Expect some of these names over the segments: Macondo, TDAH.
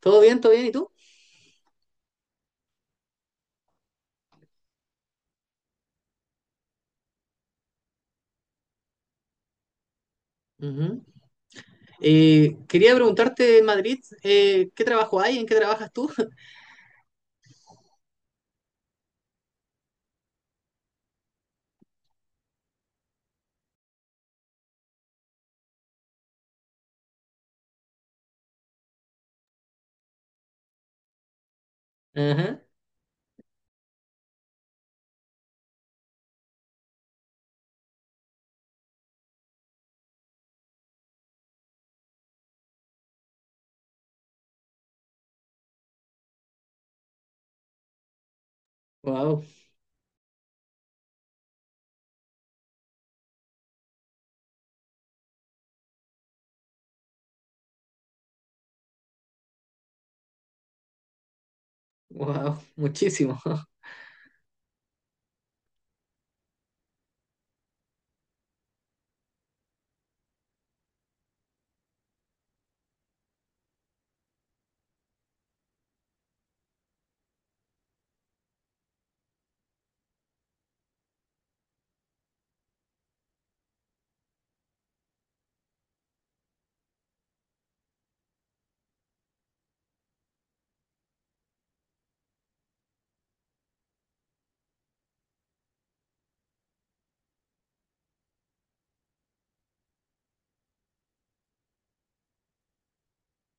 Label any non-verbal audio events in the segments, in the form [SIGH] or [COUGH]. ¿Todo bien? ¿Todo bien? ¿Y tú? Ujú. Quería preguntarte en Madrid, ¿qué trabajo hay? ¿En qué trabajas tú? [LAUGHS] Ajá. Wow, wow, muchísimo. [LAUGHS]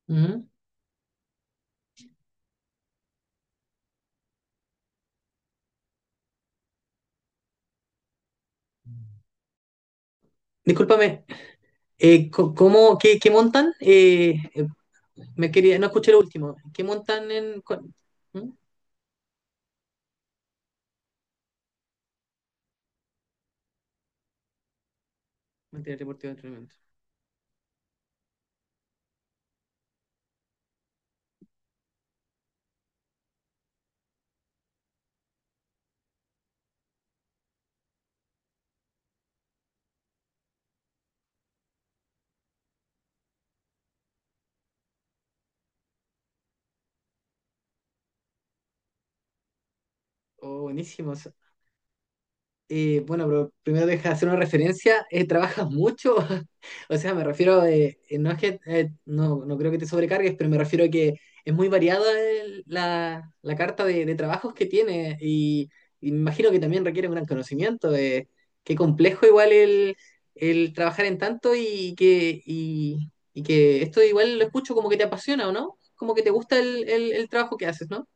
Ujú. Discúlpame, ¿cómo, qué montan? Me quería, no escuché lo último. ¿Qué montan en cu-? ¿Mm? ¿Material deportivo de entrenamiento? Oh, buenísimos. Bueno, pero primero deja hacer una referencia. ¿Trabajas mucho? [LAUGHS] O sea, me refiero, no es que, no, no creo que te sobrecargues, pero me refiero a que es muy variada la carta de trabajos que tiene y me imagino que también requiere un gran conocimiento. Qué complejo igual el trabajar en tanto y que esto igual lo escucho como que te apasiona, ¿o no? Como que te gusta el trabajo que haces, ¿no?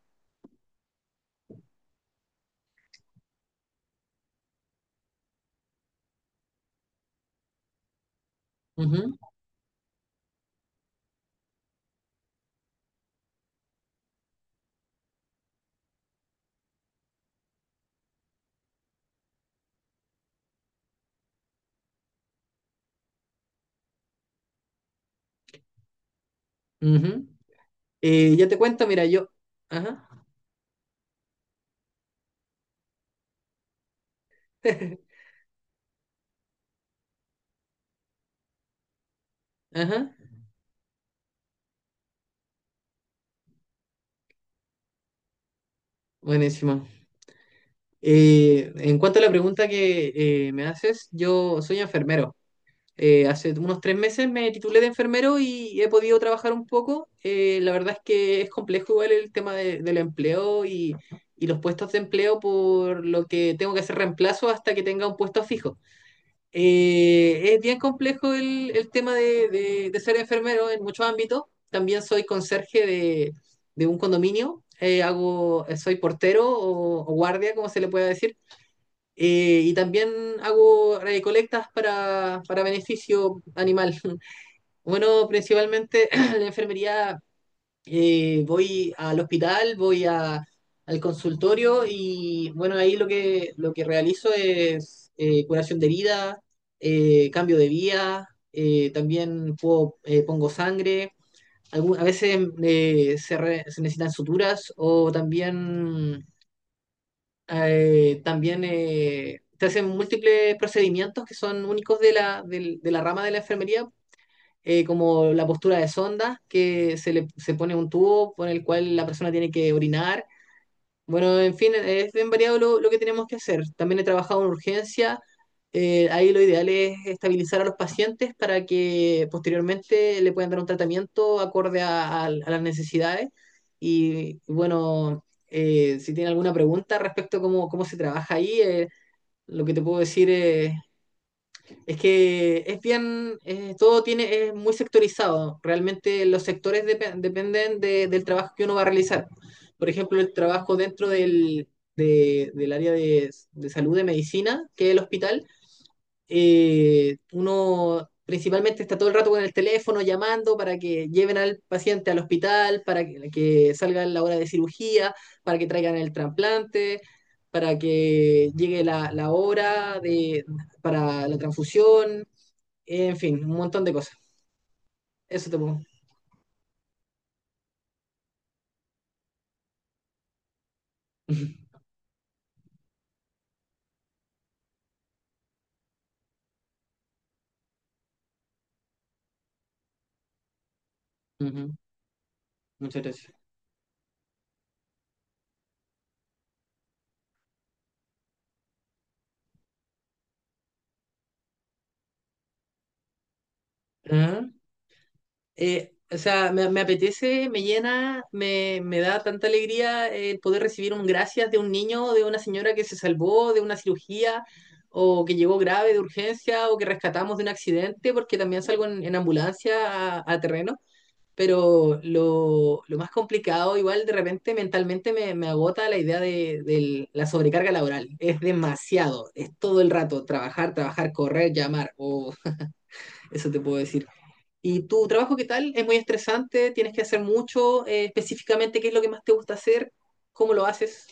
Ujú, ujú. Yo te cuento, mira, yo. Ajá. [LAUGHS] Ajá, buenísimo. En cuanto a la pregunta que me haces, yo soy enfermero. Hace unos 3 meses me titulé de enfermero y he podido trabajar un poco. La verdad es que es complejo igual el tema del empleo y los puestos de empleo, por lo que tengo que hacer reemplazo hasta que tenga un puesto fijo. Es bien complejo el tema de ser enfermero en muchos ámbitos. También soy conserje de un condominio. Hago, soy portero o guardia, como se le pueda decir. Y también hago recolectas para beneficio animal. [LAUGHS] Bueno, principalmente [CLEARS THROAT] la enfermería, voy al hospital, al consultorio y bueno, ahí lo que realizo es curación de herida, cambio de vía, también pongo sangre, a veces se necesitan suturas o también, te hacen múltiples procedimientos que son únicos de la rama de la enfermería, como la postura de sonda, que se le se pone un tubo por el cual la persona tiene que orinar. Bueno, en fin, es bien variado lo que tenemos que hacer. También he trabajado en urgencia. Ahí lo ideal es estabilizar a los pacientes para que posteriormente le puedan dar un tratamiento acorde a las necesidades. Y bueno, si tiene alguna pregunta respecto a cómo se trabaja ahí, lo que te puedo decir es que es bien, todo tiene, es muy sectorizado. Realmente los sectores dependen del trabajo que uno va a realizar. Por ejemplo, el trabajo dentro del área de salud, de medicina, que es el hospital. Uno principalmente está todo el rato con el teléfono llamando para que lleven al paciente al hospital, para que salga la hora de cirugía, para que traigan el trasplante, para que llegue la hora de, para la transfusión, en fin, un montón de cosas. Eso te pongo. [LAUGHS] Ujú. Muchas gracias. Ajá. O sea, me apetece, me llena, me da tanta alegría el poder recibir un gracias de un niño, de una señora que se salvó de una cirugía o que llegó grave de urgencia o que rescatamos de un accidente, porque también salgo en ambulancia a terreno. Pero lo más complicado, igual de repente mentalmente me agota la idea de la sobrecarga laboral. Es demasiado, es todo el rato, trabajar, trabajar, correr, llamar, o eso te puedo decir. ¿Y tu trabajo qué tal? ¿Es muy estresante? ¿Tienes que hacer mucho? Específicamente, ¿qué es lo que más te gusta hacer? ¿Cómo lo haces?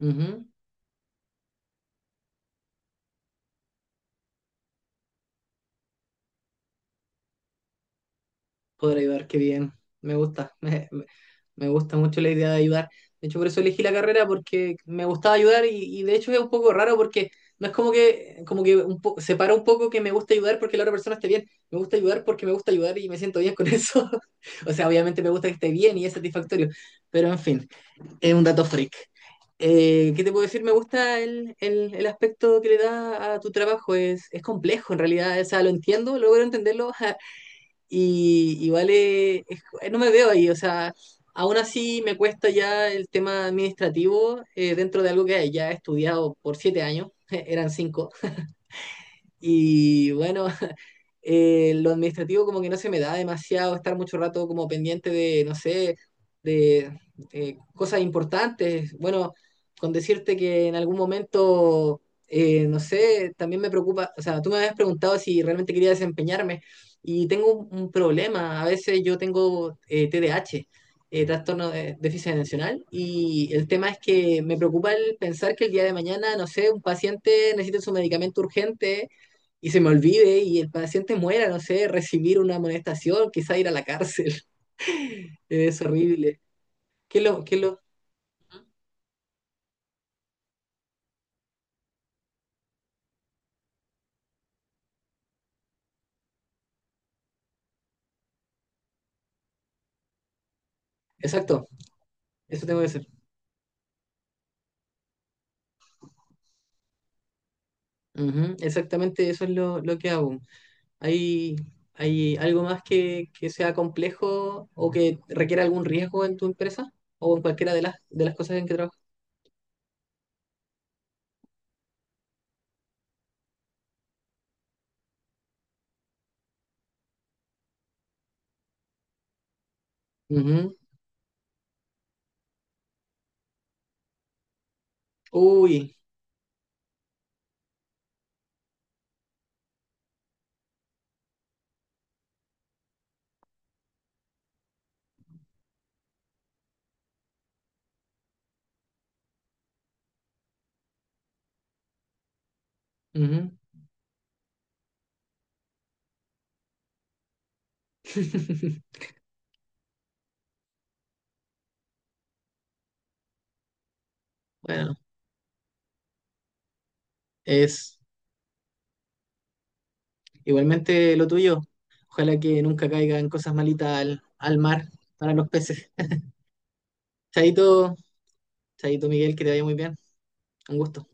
Ujú. Poder ayudar, qué bien. Me gusta. [LAUGHS] Me gusta mucho la idea de ayudar. De hecho, por eso elegí la carrera, porque me gustaba ayudar y de hecho es un poco raro porque no es como que un separa un poco que me gusta ayudar porque la otra persona esté bien. Me gusta ayudar porque me gusta ayudar y me siento bien con eso. [LAUGHS] O sea, obviamente me gusta que esté bien y es satisfactorio. Pero en fin, es un dato freak. ¿Qué te puedo decir? Me gusta el aspecto que le da a tu trabajo. Es complejo en realidad. O sea, lo entiendo, logro entenderlo. [LAUGHS] Y igual no me veo ahí, o sea, aún así me cuesta ya el tema administrativo, dentro de algo que ya he estudiado por 7 años, [LAUGHS] eran cinco, y bueno, [LAUGHS] lo administrativo como que no se me da demasiado estar mucho rato como pendiente de, no sé, de cosas importantes. Bueno, con decirte que en algún momento, no sé, también me preocupa, o sea, tú me habías preguntado si realmente quería desempeñarme y tengo un problema. A veces yo tengo TDAH, trastorno de déficit atencional, y el tema es que me preocupa el pensar que el día de mañana, no sé, un paciente necesita su medicamento urgente y se me olvide y el paciente muera, no sé, recibir una amonestación, quizá ir a la cárcel. [LAUGHS] Es horrible. ¿Qué lo, qué lo? Exacto, eso tengo que hacer. Ujú, exactamente eso es lo que hago. ¿Hay, hay algo más que sea complejo o que requiera algún riesgo en tu empresa o en cualquiera de las cosas en que trabajas? Ujú. Uy, ujú. [LAUGHS] Bueno, es igualmente lo tuyo. Ojalá que nunca caigan cosas malitas al mar para los peces. Chaito, chaito Miguel, que te vaya muy bien. Un gusto.